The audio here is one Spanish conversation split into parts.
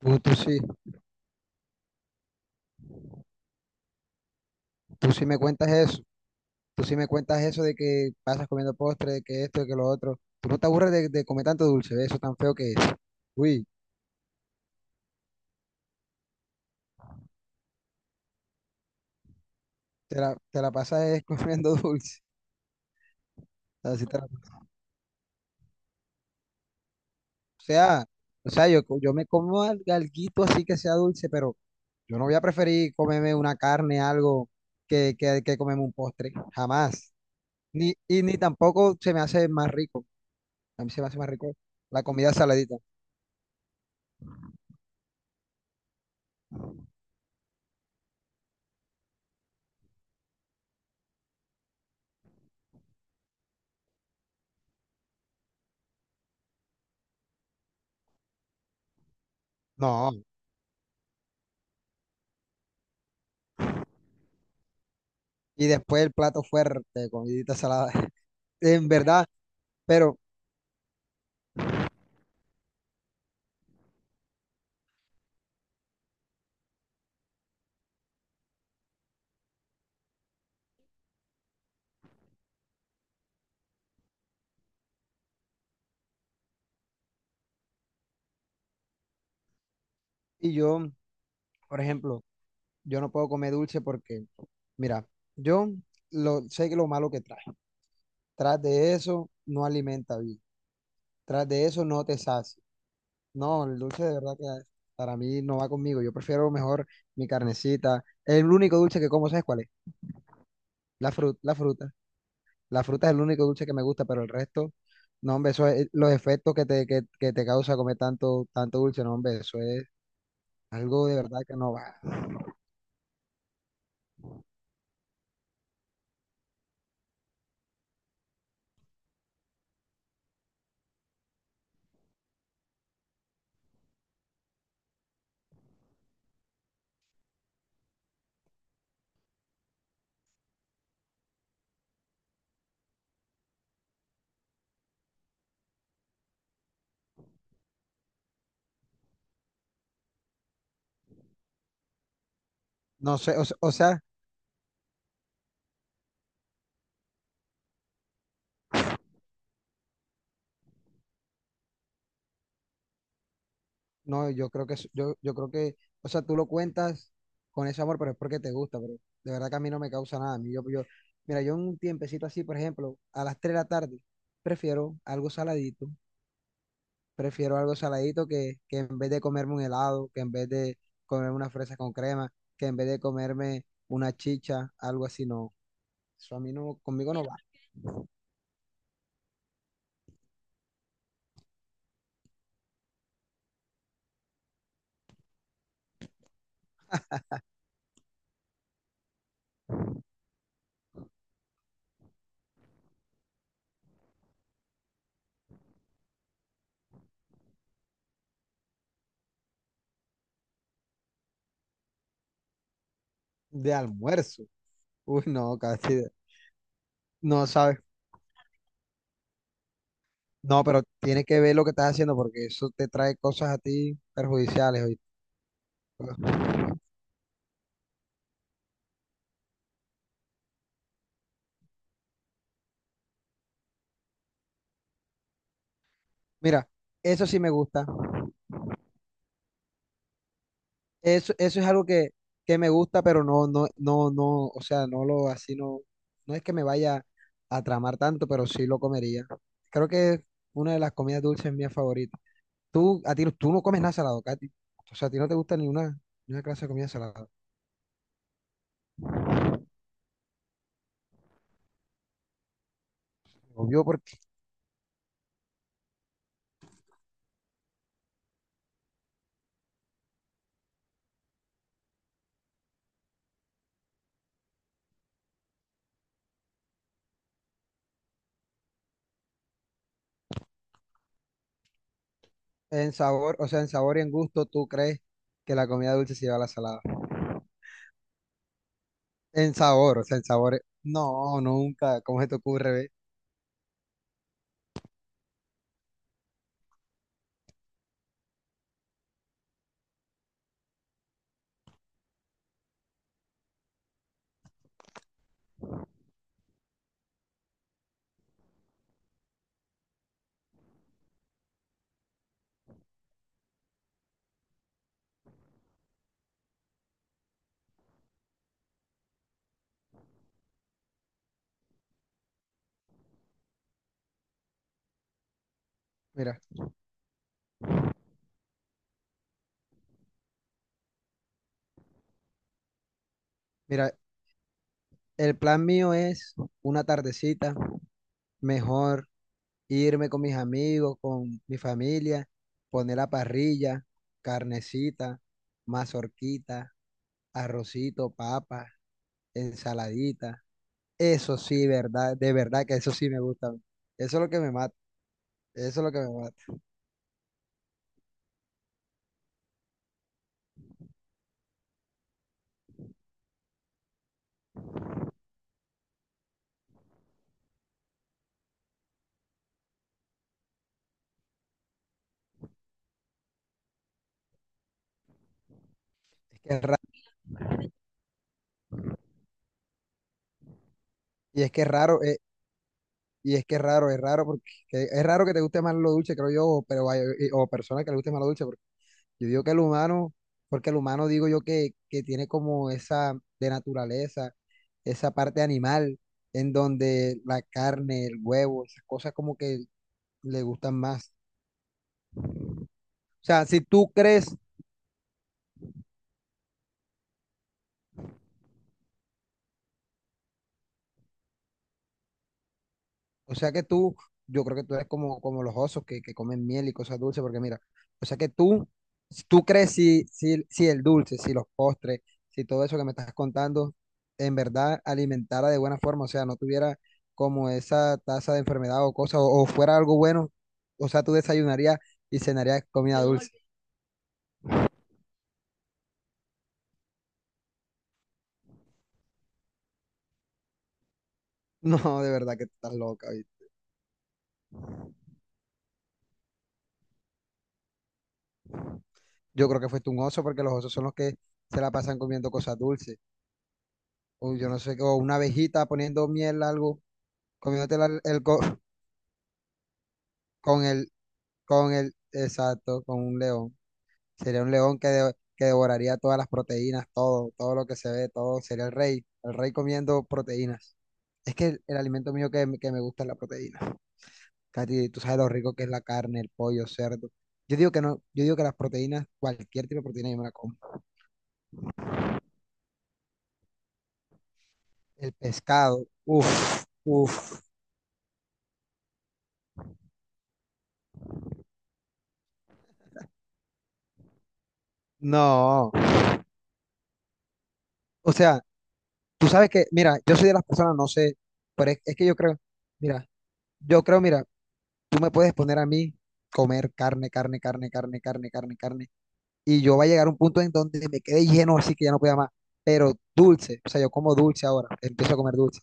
Tú, tú sí, tú sí me cuentas eso, tú sí me cuentas eso de que pasas comiendo postre, de que esto, de que lo otro. Tú no te aburres de comer tanto dulce, ¿ves? Eso tan feo que es. Uy, te la pasas es comiendo dulce. Así te la- sea, o sea, Yo, yo me como alguito así que sea dulce, pero yo no voy a preferir comerme una carne, algo, que comerme un postre, jamás. Ni tampoco se me hace más rico, a mí se me hace más rico la comida saladita. No, y después el plato fuerte, comidita salada. En verdad, pero, y yo, por ejemplo, yo no puedo comer dulce porque, mira, yo sé que lo malo que trae. Tras de eso, no alimenta bien. Tras de eso, no te sacia. No, el dulce de verdad que para mí no va conmigo. Yo prefiero mejor mi carnecita. El único dulce que como, ¿sabes cuál es? La fruta, la fruta. La fruta es el único dulce que me gusta, pero el resto, no, hombre, eso es los efectos que te, que te causa comer tanto, tanto dulce, no, hombre, eso es algo de verdad que no va. No sé, o se- o sea No, yo creo yo creo que, o sea, tú lo cuentas con ese amor, pero es porque te gusta, pero de verdad que a mí no me causa nada. A mí, mira, yo en un tiempecito así, por ejemplo, a las 3 de la tarde, prefiero algo saladito, prefiero algo saladito que en vez de comerme un helado, que en vez de comerme una fresa con crema, que en vez de comerme una chicha, algo así, no. Eso a mí no, conmigo no va. De almuerzo. Uy, no, casi, no sabes. No, pero tiene que ver lo que estás haciendo porque eso te trae cosas a ti perjudiciales, oíste. Mira, eso sí me gusta. Eso es algo que me gusta, pero o sea, así no, no es que me vaya a tramar tanto, pero sí lo comería. Creo que es una de las comidas dulces mías favoritas. Tú no comes nada salado, Katy. O sea, a ti no te gusta ninguna clase de comida salada. Obvio porque en sabor, o sea, en sabor y en gusto, tú crees que la comida dulce se lleva a la salada. En sabor, o sea, en sabor. No, nunca. ¿Cómo se te ocurre, ve? Mira, mira, el plan mío es una tardecita, mejor irme con mis amigos, con mi familia, poner la parrilla, carnecita, mazorquita, arrocito, papa, ensaladita. Eso sí, verdad, de verdad que eso sí me gusta a mí. Eso es lo que me mata. Eso es lo que me mata. Es que es raro, y es que es raro Y Es que es raro porque es raro que te guste más lo dulce, creo yo, o personas que le guste más lo dulce, porque yo digo que el humano, porque el humano digo yo que tiene como esa de naturaleza, esa parte animal, en donde la carne, el huevo, esas cosas como que le gustan más. O sea, si tú crees O sea que tú, yo creo que tú eres como, como los osos que comen miel y cosas dulces, porque mira, o sea que tú, si el dulce, si los postres, si todo eso que me estás contando, en verdad alimentara de buena forma, o sea, no tuviera como esa tasa de enfermedad o cosa, o fuera algo bueno, o sea, tú desayunarías y cenarías comida dulce. No, de verdad que tú estás loca, oye. Yo creo que fuiste un oso porque los osos son los que se la pasan comiendo cosas dulces. O yo no sé, o una abejita poniendo miel, algo. Comiéndote la- el, co- con el, exacto, con un león. Sería un león que devoraría todas las proteínas, todo, todo lo que se ve, todo. Sería el rey comiendo proteínas. Es que el alimento mío que me gusta es la proteína. Katy, tú sabes lo rico que es la carne, el pollo, cerdo. Yo digo que no, yo digo que las proteínas, cualquier tipo de proteína yo me la como. El pescado, uff, uff, no. O sea, tú sabes que, mira, yo soy de las personas, no sé, pero es que yo creo, mira, yo creo, mira. Tú me puedes poner a mí comer carne. Y yo va a llegar a un punto en donde me quede lleno, así que ya no pueda más. Pero dulce, o sea, yo como dulce ahora, empiezo a comer dulce.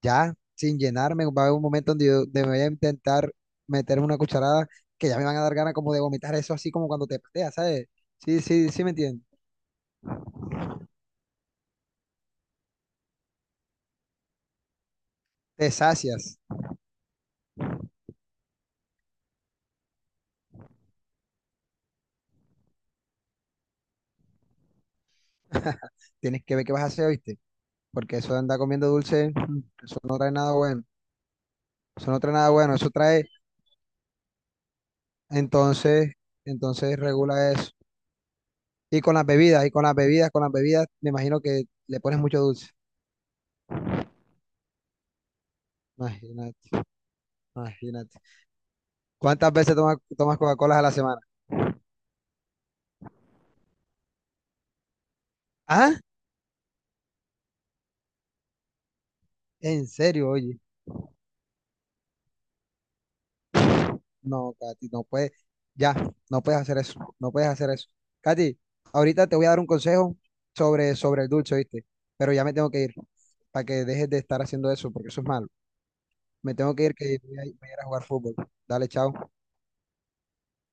Ya, sin llenarme, va a haber un momento donde me voy a intentar meter una cucharada que ya me van a dar ganas como de vomitar eso, así como cuando te pateas, ¿sabes? Sí, sí, sí, me entiendes. Te sacias. Tienes que ver qué vas a hacer, ¿viste? Porque eso de andar comiendo dulce, eso no trae nada bueno. Eso no trae nada bueno, entonces, entonces regula eso. Y con las bebidas, con las bebidas, me imagino que le pones mucho dulce. Imagínate, imagínate. ¿Cuántas veces tomas Coca-Cola a la semana? ¿Ah? ¿En serio, oye? No, Katy, no puedes, ya, no puedes hacer eso, no puedes hacer eso. Katy, ahorita te voy a dar un consejo sobre el dulce, ¿viste? Pero ya me tengo que ir, para que dejes de estar haciendo eso, porque eso es malo. Me tengo que ir, que voy a ir a jugar fútbol. Dale, chao.